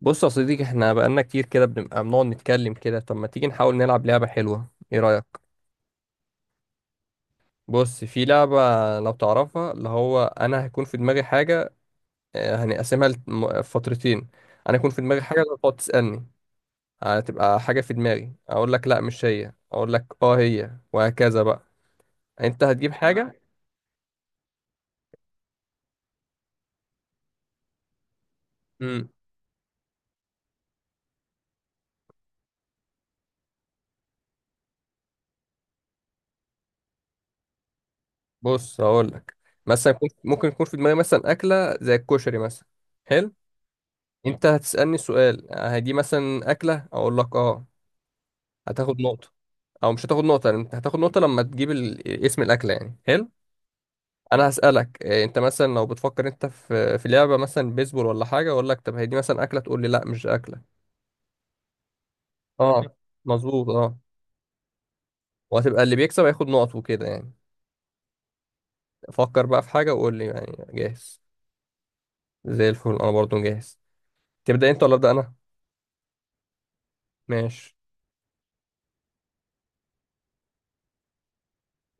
بص يا صديقي، احنا بقالنا كتير كده بنبقى بنقعد نتكلم كده. طب ما تيجي نحاول نلعب لعبة حلوة؟ ايه رأيك؟ بص، في لعبة لو تعرفها، اللي هو انا هيكون في دماغي حاجة. هنقسمها لفترتين. انا يكون في دماغي حاجة، أنت تقعد تسألني. هتبقى حاجة في دماغي، اقول لك لا مش هي، اقول لك اه هي، وهكذا بقى. انت هتجيب حاجة. امم بص هقول لك، مثلا ممكن يكون في دماغي مثلا أكلة زي الكشري مثلا. حلو. انت هتسألني سؤال، هي دي مثلا أكلة، اقول لك اه، هتاخد نقطة. او مش هتاخد نقطة، لأن انت هتاخد نقطة لما تجيب اسم الأكلة يعني. حلو. انا هسألك إيه، انت مثلا لو بتفكر انت في لعبة مثلا بيسبول ولا حاجة، اقول لك طب هي دي مثلا أكلة، تقول لي لا مش أكلة. اه مظبوط اه. وهتبقى اللي بيكسب هياخد نقط وكده يعني. فكر بقى في حاجة وقول لي يعني جاهز. زي الفل، انا برضو جاهز. تبدأ انت ولا أبدأ انا؟ ماشي.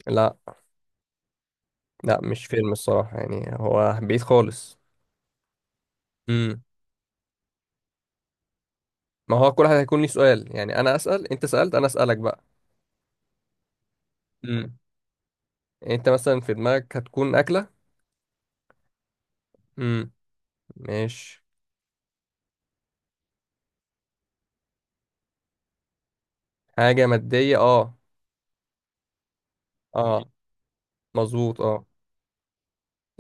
لا، لا، مش فيلم الصراحة يعني، هو بعيد خالص. امم ما هو كل واحد هيكون ليه سؤال يعني، انا أسأل، انت سألت، انا أسألك بقى. يعني انت مثلا في دماغك هتكون اكله. امم ماشي. حاجه ماديه اه. اه مظبوط اه.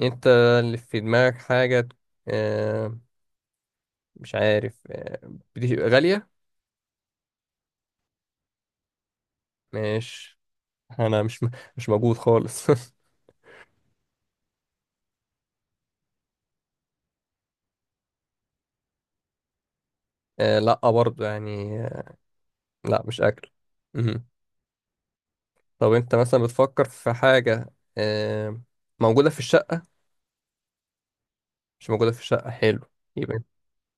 انت، اللي في دماغك حاجه. آه مش عارف. بتبقى غاليه؟ ماشي. انا مش مش موجود خالص. لا برضه يعني. لا مش اكل. امم طب انت مثلا بتفكر في حاجه آه موجوده في الشقه؟ مش موجوده في الشقه. حلو. يبقى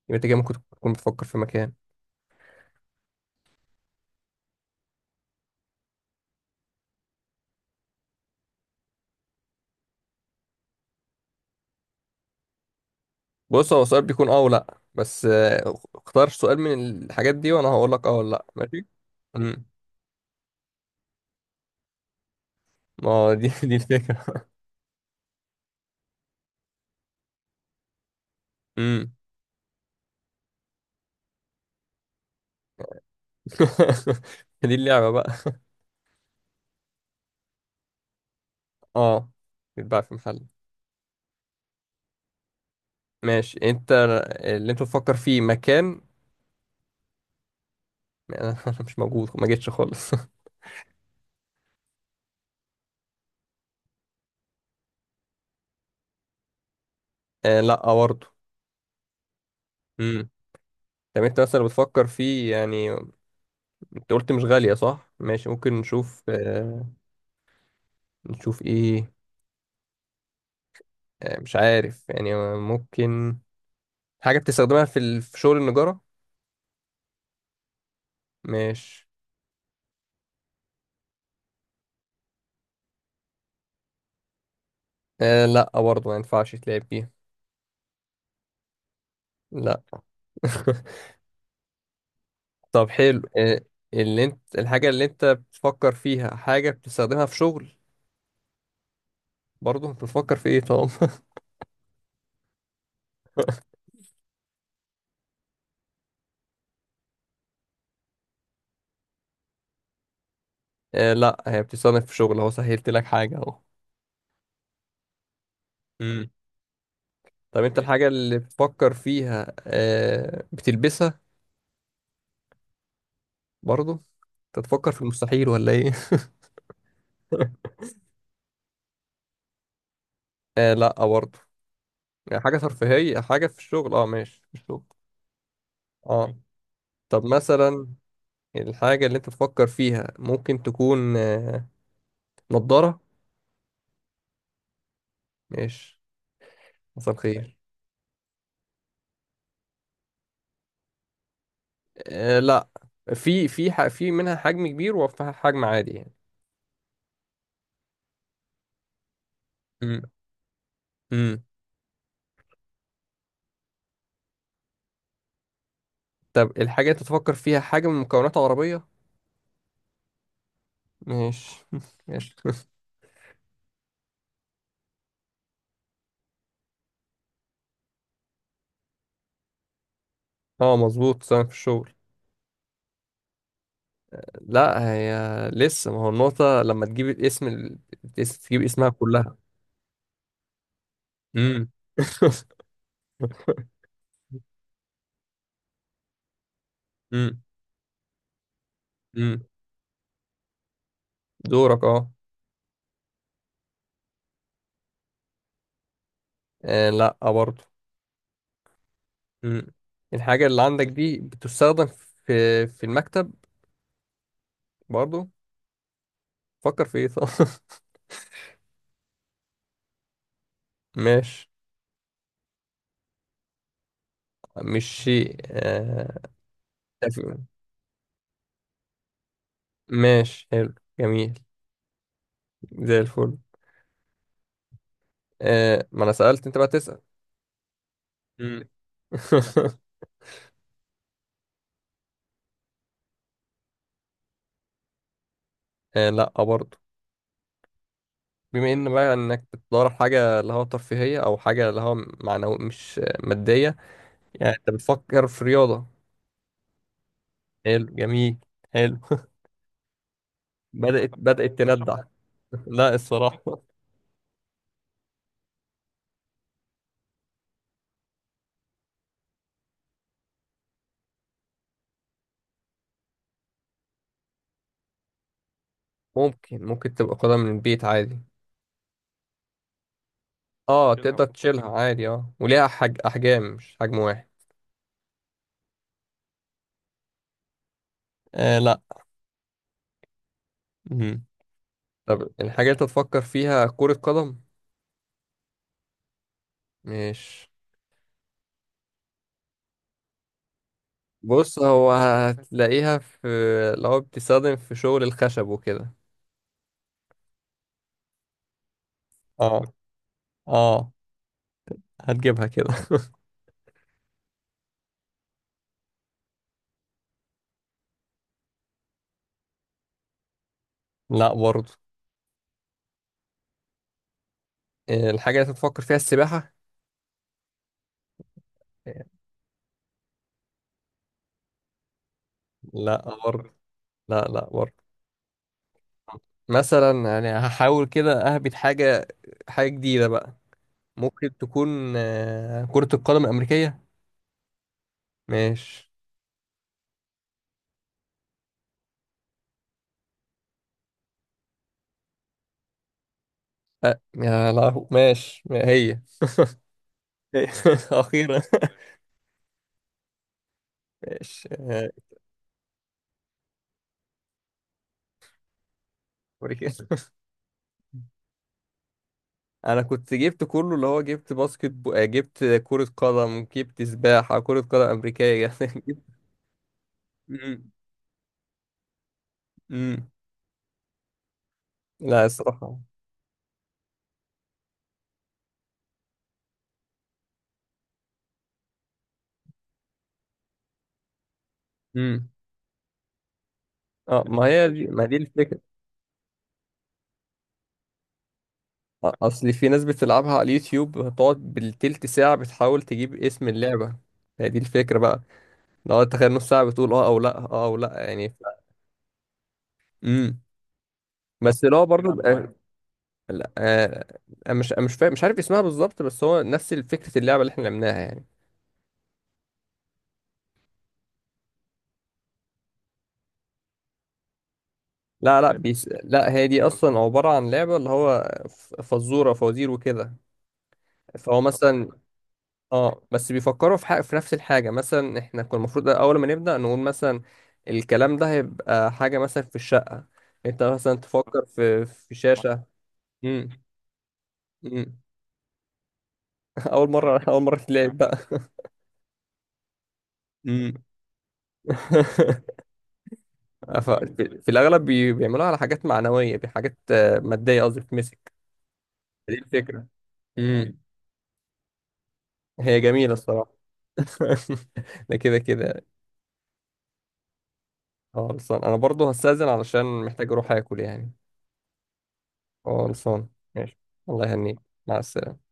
يبقى انت كده ممكن تكون بتفكر في مكان. بص، هو سؤال بيكون اه ولا بس. اختار سؤال من الحاجات دي وانا هقول لك اه ولا لا. ماشي. امم ما هو دي. دي الفكره. امم دي اللعبه بقى. اه، بيتباع في محل. ماشي. انت، اللي انت بتفكر فيه مكان؟ انا مش موجود ما جيتش خالص. لا برضه. امم طب انت مثلا بتفكر فيه يعني، انت قلت مش غاليه صح؟ ماشي، ممكن نشوف. نشوف ايه؟ مش عارف يعني، ممكن حاجه بتستخدمها في في شغل النجاره. ماشي. لا برضه، ما ينفعش تلعب بيها. لا. طب حلو. اللي انت الحاجة اللي انت بتفكر فيها حاجة بتستخدمها في شغل؟ برضه، انت بتفكر في ايه طب؟ لا، هي بتستخدم في شغل اهو، سهلت لك حاجة اهو. امم طب انت، الحاجة اللي بتفكر فيها بتلبسها؟ برضه، انت تفكر في المستحيل ولا ايه؟ لا برضه. يعني حاجة ترفيهية، حاجة في الشغل اه، ماشي في الشغل اه. طب مثلا الحاجة اللي انت تفكر فيها ممكن تكون نضارة؟ ماشي. مساء الخير. لا، في منها حجم كبير وفيها حجم عادي يعني. امم امم طب الحاجة انت تفكر فيها حاجة من مكونات عربية؟ ماشي. ماشي. اه مظبوط، سامع، في الشغل. لا، هي لسه، ما هو النقطة لما تجيب الاسم تجيب اسمها كلها. امم امم امم دورك اه. لا برضه. امم الحاجة اللي عندك دي بتستخدم في المكتب؟ برضه، فكر في ايه؟ طب، ماشي. مش شيء تف- ماشي حلو، جميل. زي الفل. ما انا سألت انت بقى تسأل. مم. لا برضه. بما ان بقى انك بتدور على حاجة اللي هو ترفيهية، او حاجة اللي هو معنوي مش مادية، يعني انت بتفكر في رياضة؟ حلو، جميل. حلو. بدأت تندع. لا الصراحة. ممكن تبقى قدم من البيت عادي. اه تقدر تشيلها عادي، اه وليها احجام مش حجم واحد. آه لا. طب الحاجة اللي أنت تفكر فيها كرة قدم؟ مش. بص، هو هتلاقيها في، لو بتستخدم في شغل الخشب وكده. اه، اه، هتجيبها كده. لا برضه. إيه، الحاجة اللي أنت تفكر فيها السباحة؟ لا برضه. لا، لا برضه. مثلا يعني هحاول كده أهبط حاجة، حاجة جديدة بقى. ممكن تكون كرة القدم الأمريكية؟ ماشي. أه يا لهو، ماشي هي. هي. أخيرا. ماشي. أمريكية. انا كنت جبت كله، اللي هو جبت جبت كرة قدم، جبت سباحة، كرة قدم امريكية، جبت. مم. مم. لا الصراحة. مم. اه، ما دي الفكرة. اصل في ناس بتلعبها على اليوتيوب، هتقعد بالتلت ساعة بتحاول تجيب اسم اللعبة. هي دي الفكرة بقى، لو تخيل نص ساعة بتقول اه او لا، اه او لا، يعني مم. بس اللي هو برضه لا، أنا مش فاهم، مش عارف اسمها بالظبط، بس هو نفس فكرة اللعبة اللي احنا لعبناها يعني. لا، لا، لا، هي دي اصلا عباره عن لعبه اللي هو فزوره، فوازير، وكده. فهو مثلا، اه بس بيفكروا في حاجه، في نفس الحاجه. مثلا احنا كنا المفروض اول ما نبدا نقول مثلا الكلام ده هيبقى حاجه مثلا في الشقه، انت مثلا تفكر في شاشه. امم امم اول مره تلعب بقى. امم في الاغلب بيعملوها على حاجات معنويه، بحاجات ماديه قصدي بتمسك. دي الفكره. امم هي جميله الصراحه. ده كده كده. خلصان، انا برضو هستأذن علشان محتاج اروح اكل يعني. خلصان. ماشي. الله يهنيك. مع السلامة.